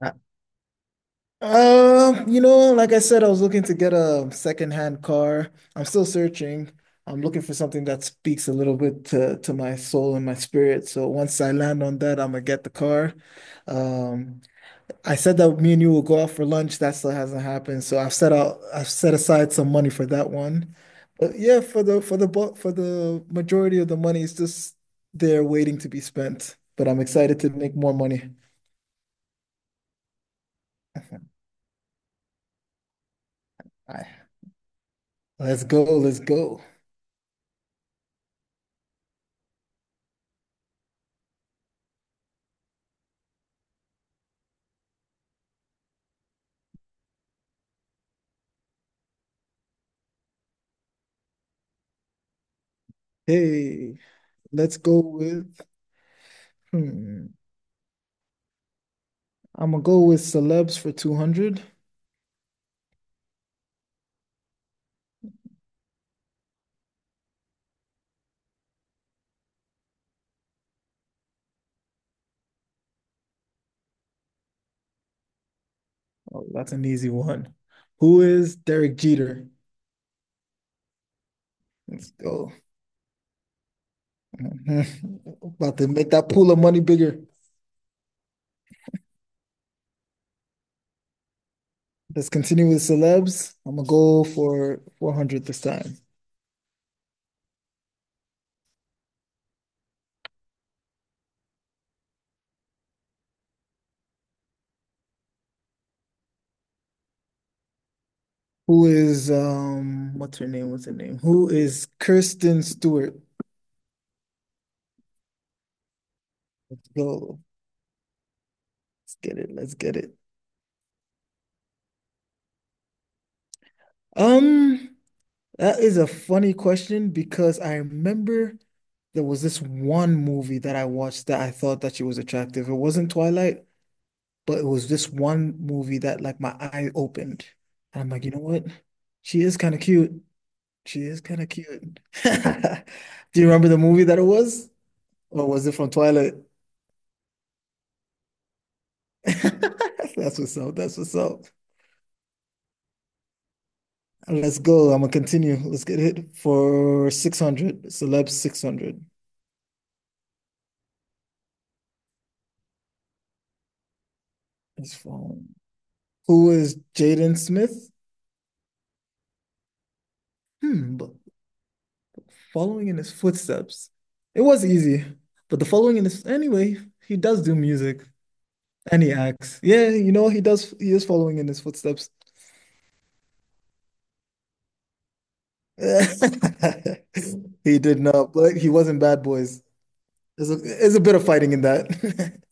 Uh, like I said, I was looking to get a secondhand car. I'm still searching. I'm looking for something that speaks a little bit to my soul and my spirit. So once I land on that, I'm gonna get the car. Um, I said that me and you will go out for lunch. That still hasn't happened. So I've set aside some money for that one. But yeah, for the majority of the money is just there waiting to be spent. But I'm excited to make more money. I, let's go, let's go. Hey, let's go with, hmm, I'm gonna go with celebs for 200. Oh, that's an easy one. Who is Derek Jeter? Let's go. Mhm. About to make that pool of money bigger. Let's continue with celebs. I'm gonna go for 400 this time. Who is, what's her name? What's her name? Who is Kirsten Stewart? Let's go. Let's get it. Let's get it. Um, that is a funny question because I remember there was this one movie that I watched that I thought that she was attractive. It wasn't Twilight, but it was this one movie that like my eye opened. And I'm like, you know what? She is kind of cute. She is kind of cute. Do you remember the movie that it was? Or was it from Twilight? That's what's up. That's what's up. Let's go. I'm gonna continue. Let's get hit for 600. Celeb 600. It's phone. Who is Jaden Smith? Hmm. Following in his footsteps. It was easy, but the following in his anyway, he does do music and he acts. Yeah, you know, he is following in his footsteps. He did not, but he wasn't Bad Boys. There's a bit of fighting in that.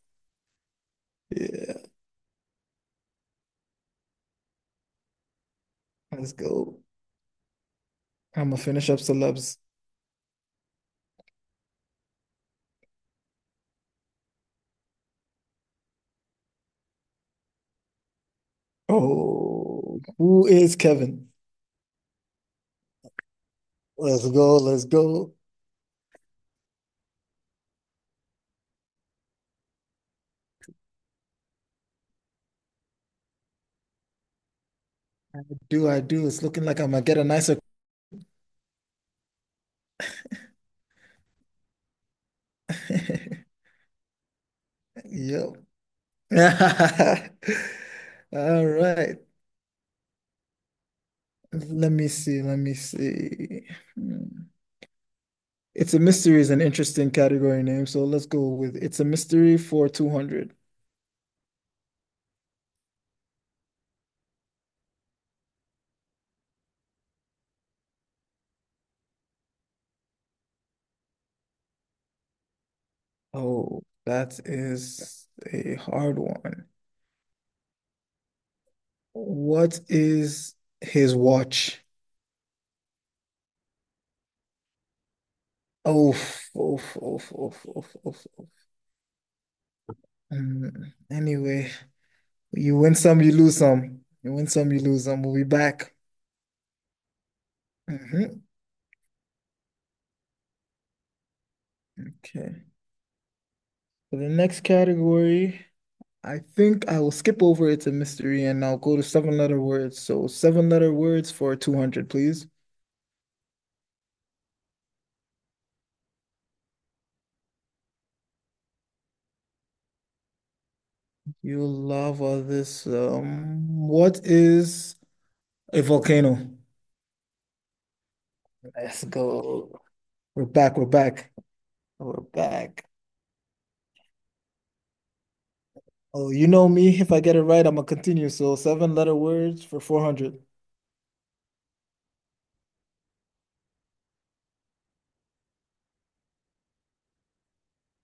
Yeah, let's go. I'm gonna finish up celebs. Oh, who is Kevin? Let's go, let's go. Do I do? It's looking like I'm gonna get a nicer. Yep. All right. Let me see. Let me see. Hmm. It's a mystery is an interesting category name, so let's go with it's a mystery for 200. Oh, that is a hard one. What is his watch? Oh, oh, oh, oh, oh, oh. Anyway, you win some, you lose some. You win some, you lose some. We'll be back. Mhm. Okay. For the next category, I think I will skip over it's a mystery and I'll go to seven letter words. So seven letter words for 200, please. You love all this. What is a volcano? Let's go. We're back. We're back. We're back. Oh, you know me. If I get it right, I'm gonna continue. So seven letter words for 400.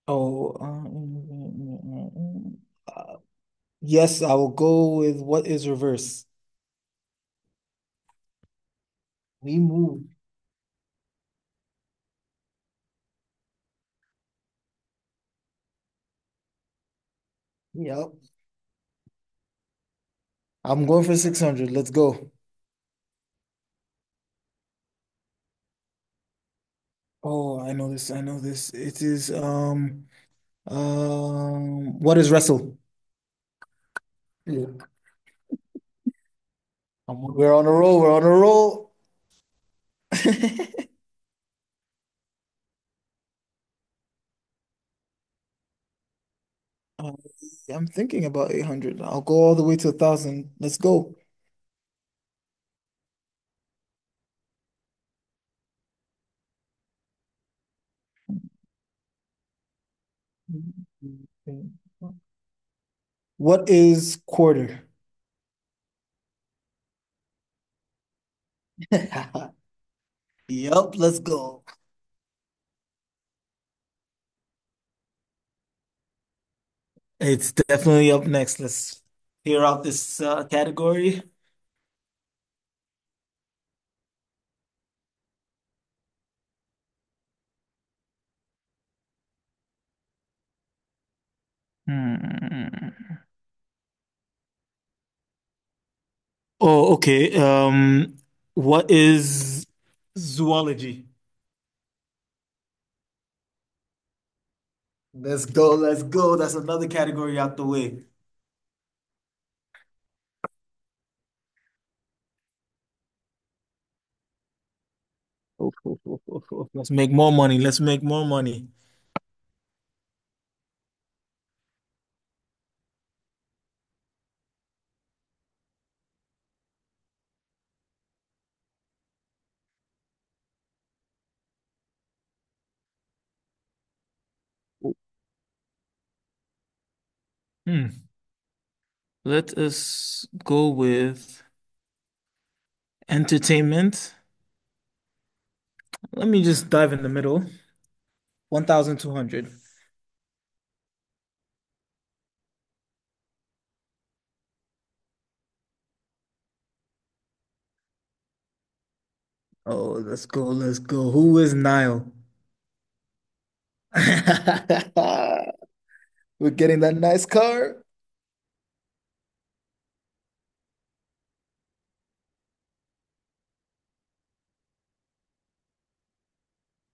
Oh, uh, uh, yes, I will go with what is reverse. We move. Yep. I'm going for 600. Let's go. Oh, I know this. I know this. It is what is wrestle? Yeah. We're on a roll. We're on a roll. Uh, I'm thinking about 800. I'll go all the way to a 1,000. Let's go. What is quarter? Yep, let's go. It's definitely up next. Let's hear out this category. Hmm. Oh, okay. What is zoology? Let's go. Let's go. That's another category out the way. Oh, oh, oh, oh, oh. Let's make more money. Let's make more money. Hmm. Let us go with entertainment. Let me just dive in the middle. 1,200. Oh, let's go. Let's go. Who is Niall? We're getting that nice car.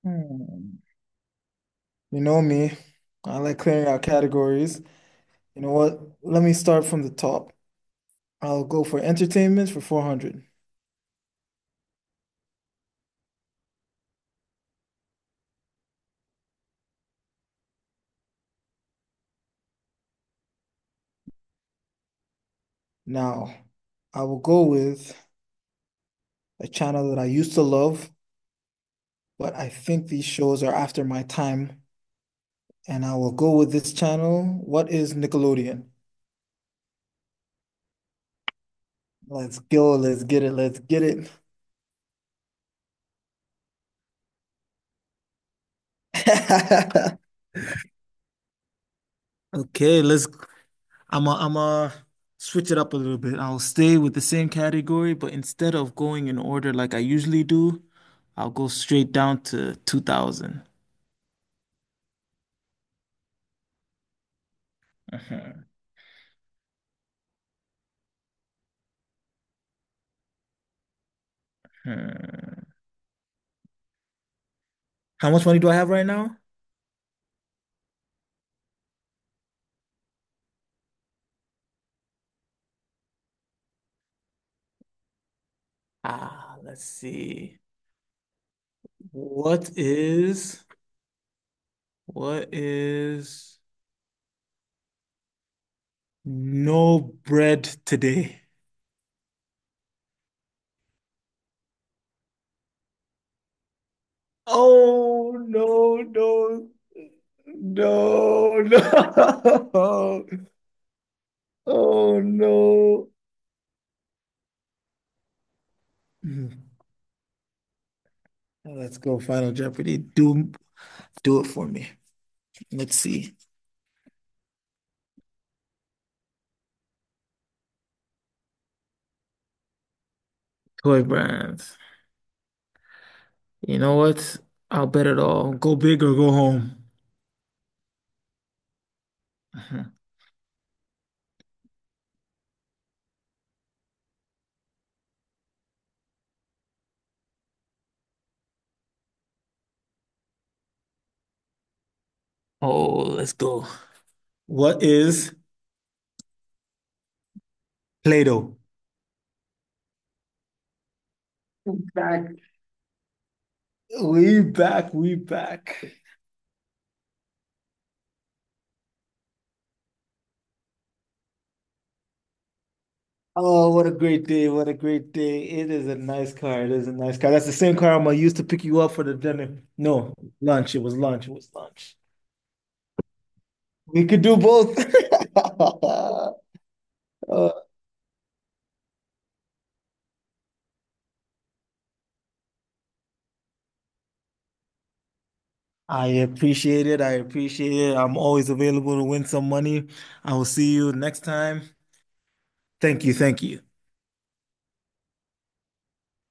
Hmm. You know me. I like clearing out categories. You know what? Let me start from the top. I'll go for entertainment for 400. Now, I will go with a channel that I used to love, but I think these shows are after my time. And I will go with this channel. What is Nickelodeon? Let's go. Let's get it. Let's get it. Okay, let's. I'm a switch it up a little bit. I'll stay with the same category, but instead of going in order like I usually do, I'll go straight down to 2000. Mhm, mhm. How much money do I have right now? Ah, let's see. What is what is no bread today? Oh, no, no, no, no. Oh no. Mm. Let's go Final Jeopardy. Do it for me. Let's see. Toy brands. You know what? I'll bet it all. Go big or go home. Mhm. Oh, let's go. What is Play-Doh? We back. We back. We back. Oh, what a great day. What a great day. It is a nice car. It is a nice car. That's the same car I'm gonna use to pick you up for the dinner. No, lunch. It was lunch. It was lunch. We could do both. Uh, I appreciate it. I appreciate it. I'm always available to win some money. I will see you next time. Thank you. Thank you.